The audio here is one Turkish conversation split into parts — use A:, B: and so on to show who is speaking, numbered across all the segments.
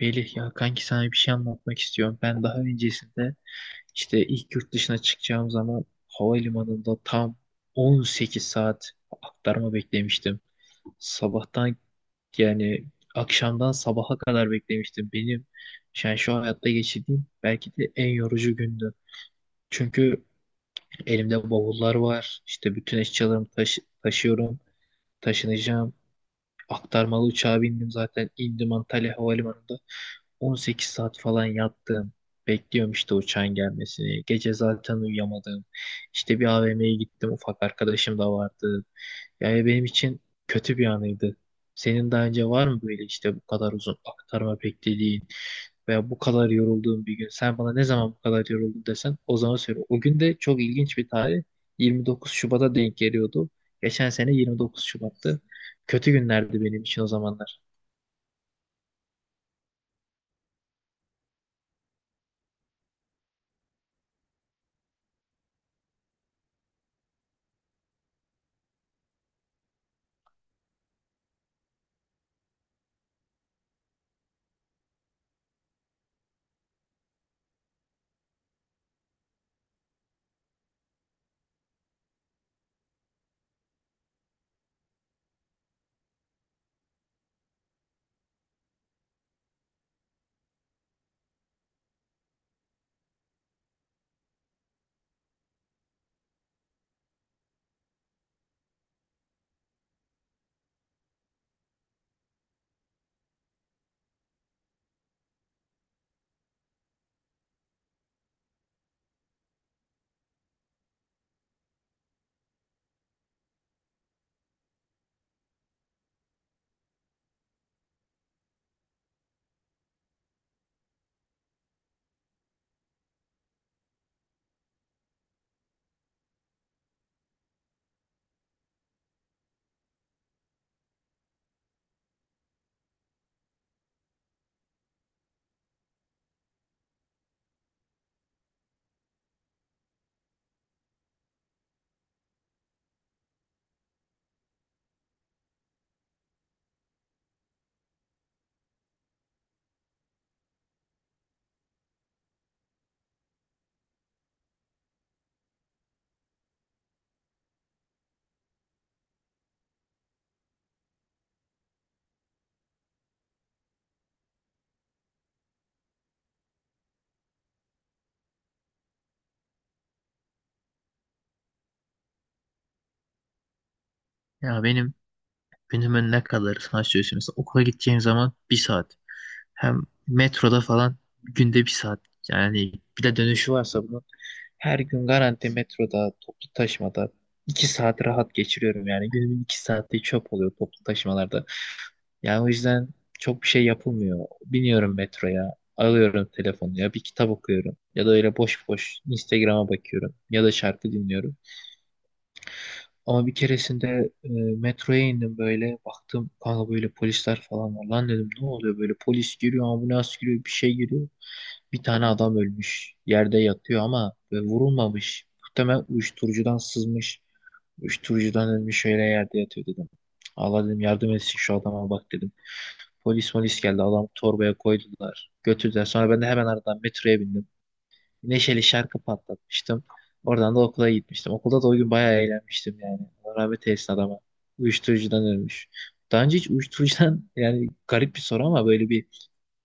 A: Melih ya kanki, sana bir şey anlatmak istiyorum. Ben daha öncesinde işte ilk yurt dışına çıkacağım zaman havalimanında tam 18 saat aktarma beklemiştim. Sabahtan yani akşamdan sabaha kadar beklemiştim. Benim yani şu hayatta geçirdiğim belki de en yorucu gündü. Çünkü elimde bavullar var. İşte bütün eşyalarımı taşıyorum, taşınacağım. Aktarmalı uçağa bindim, zaten indim Antalya Havalimanı'nda. 18 saat falan yattım. Bekliyorum işte uçağın gelmesini. Gece zaten uyuyamadım. İşte bir AVM'ye gittim. Ufak arkadaşım da vardı. Yani benim için kötü bir anıydı. Senin daha önce var mı böyle işte bu kadar uzun aktarma beklediğin veya bu kadar yorulduğun bir gün? Sen bana ne zaman bu kadar yoruldun desen o zaman söyle. O gün de çok ilginç bir tarih. 29 Şubat'a denk geliyordu. Geçen sene 29 Şubat'tı. Kötü günlerdi benim için o zamanlar. Ya benim günümün ne kadarı, sana söyleyeyim. Mesela okula gideceğim zaman bir saat. Hem metroda falan günde bir saat. Yani bir de dönüşü varsa bunun, her gün garanti metroda, toplu taşımada iki saat rahat geçiriyorum. Yani günümün iki saati çöp oluyor toplu taşımalarda. Yani o yüzden çok bir şey yapılmıyor. Biniyorum metroya, alıyorum telefonu, ya bir kitap okuyorum ya da öyle boş boş Instagram'a bakıyorum ya da şarkı dinliyorum. Ama bir keresinde metroya indim böyle. Baktım kanka, böyle polisler falan var. Lan dedim, ne oluyor böyle, polis giriyor, ambulans giriyor, bir şey giriyor. Bir tane adam ölmüş. Yerde yatıyor ama vurulmamış. Muhtemelen uyuşturucudan sızmış. Uyuşturucudan ölmüş öyle yerde yatıyor dedim. Allah dedim yardım etsin şu adama bak dedim. Polis geldi, adam torbaya koydular. Götürdüler. Sonra ben de hemen aradan metroya bindim, neşeli şarkı patlatmıştım. Oradan da okula gitmiştim. Okulda da o gün bayağı eğlenmiştim yani. Allah rahmet eylesin adama. Uyuşturucudan ölmüş. Daha önce hiç uyuşturucudan yani garip bir soru ama böyle bir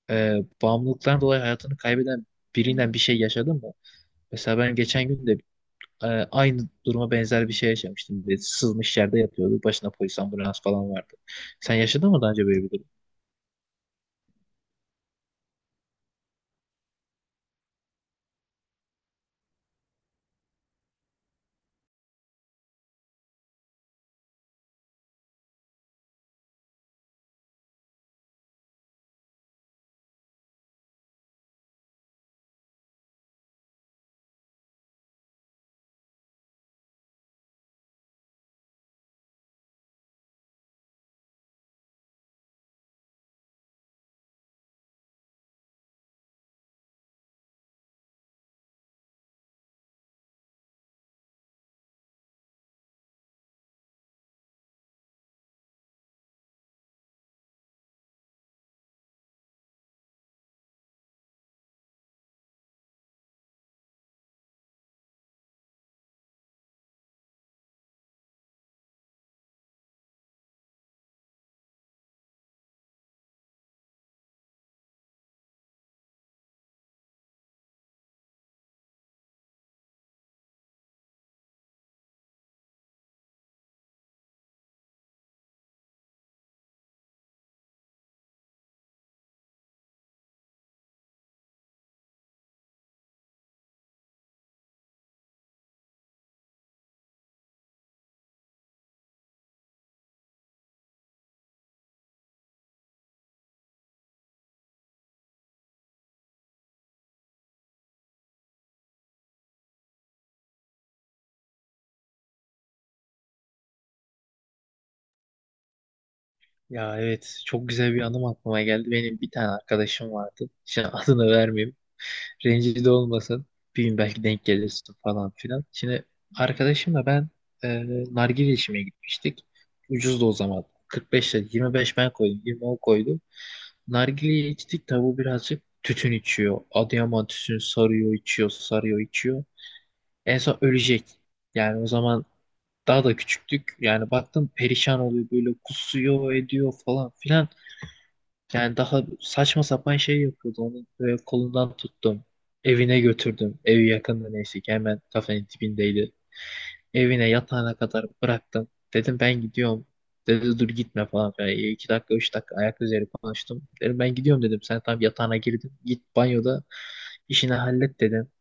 A: bağımlılıktan dolayı hayatını kaybeden birinden bir şey yaşadın mı? Mesela ben geçen gün de aynı duruma benzer bir şey yaşamıştım. Böyle sızmış yerde yatıyordu. Başına polis, ambulans falan vardı. Sen yaşadın mı daha önce böyle bir durum? Ya evet, çok güzel bir anım aklıma geldi. Benim bir tane arkadaşım vardı. Şimdi adını vermeyeyim. Rencide olmasın. Bir gün belki denk gelirsin falan filan. Şimdi arkadaşımla ben e, nargile içmeye gitmiştik. Ucuzdu o zaman. 45 lira. 25 ben koydum, 20 o koydu. Nargileyi içtik, tabu birazcık tütün içiyor. Adıyaman tütünü sarıyor içiyor, sarıyor içiyor. En son ölecek. Yani o zaman daha da küçüktük. Yani baktım perişan oluyor, böyle kusuyor ediyor falan filan. Yani daha saçma sapan şey yapıyordu. Onu böyle kolundan tuttum. Evine götürdüm. Evi yakında, neyse ki hemen kafenin dibindeydi. Evine, yatağına kadar bıraktım. Dedim ben gidiyorum. Dedi dur gitme falan filan. E, iki dakika üç dakika ayak üzeri konuştum. Dedim ben gidiyorum dedim. Sen tam yatağına girdin. Git banyoda işini hallet dedim.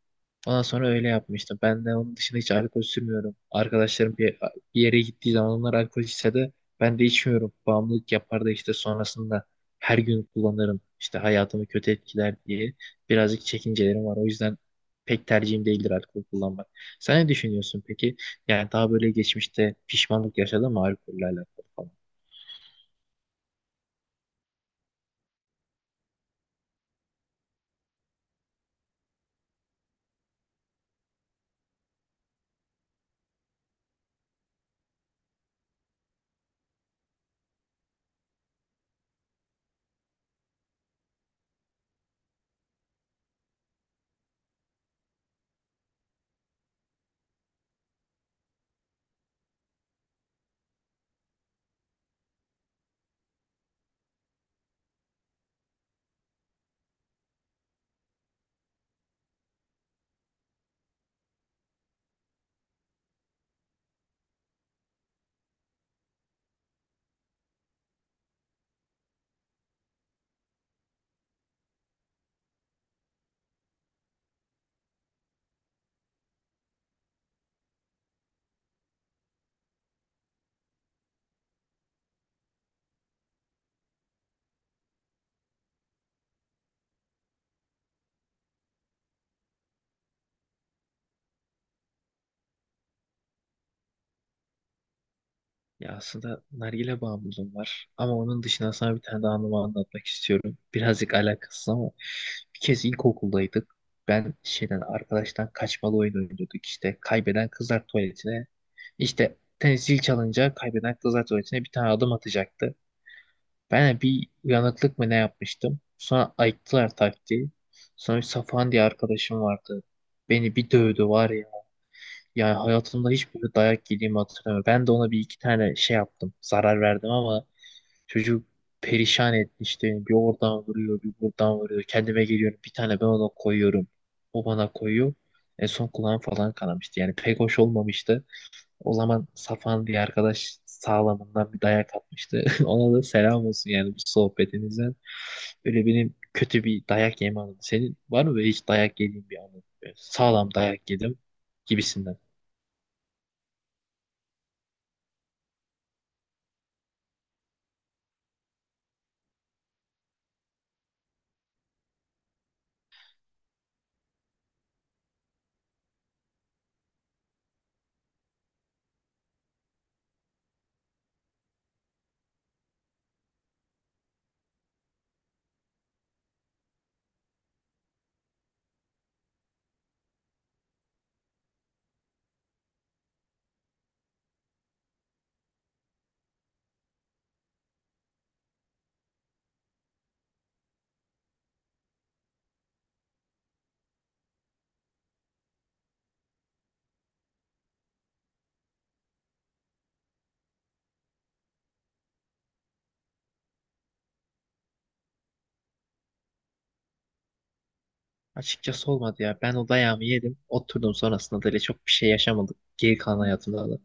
A: Ondan sonra öyle yapmıştım. Ben de onun dışında hiç alkol sürmüyorum. Arkadaşlarım bir yere gittiği zaman onlar alkol içse de ben de içmiyorum. Bağımlılık yapar da işte sonrasında her gün kullanırım. İşte hayatımı kötü etkiler diye birazcık çekincelerim var. O yüzden pek tercihim değildir alkol kullanmak. Sen ne düşünüyorsun peki? Yani daha böyle geçmişte pişmanlık yaşadın mı alkolle alakalı? Ya aslında nargile bağımlılığım var. Ama onun dışında sana bir tane daha anımı anlatmak istiyorum. Birazcık alakasız ama bir kez ilkokuldaydık. Ben şeyden, arkadaştan kaçmalı oyun oynuyorduk işte. Kaybeden kızlar tuvaletine, işte tenis zil çalınca kaybeden kızlar tuvaletine bir tane adım atacaktı. Ben de bir uyanıklık mı ne yapmıştım. Sonra ayıktılar taktiği. Sonra bir Safan diye arkadaşım vardı. Beni bir dövdü var ya. Yani hayatımda hiç böyle dayak yediğimi hatırlamıyorum. Ben de ona bir iki tane şey yaptım. Zarar verdim ama çocuk perişan etmişti. Bir oradan vuruyor, bir buradan vuruyor. Kendime geliyorum. Bir tane ben ona koyuyorum. O bana koyuyor. En son kulağım falan kanamıştı. Yani pek hoş olmamıştı. O zaman Safan diye arkadaş sağlamından bir dayak atmıştı. Ona da selam olsun yani bu sohbetinizden. Böyle benim kötü bir dayak yeme anım. Senin var mı böyle hiç dayak yediğin bir anın? Böyle sağlam dayak yedim gibisinden. Açıkçası olmadı ya. Ben o dayağımı yedim. Oturdum, sonrasında da öyle çok bir şey yaşamadık. Geri kalan hayatımda da.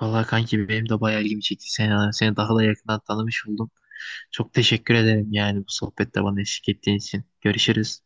A: Vallahi kanki benim de bayağı ilgimi çekti. Seni, seni daha da yakından tanımış oldum. Çok teşekkür ederim yani bu sohbette bana eşlik ettiğin için. Görüşürüz.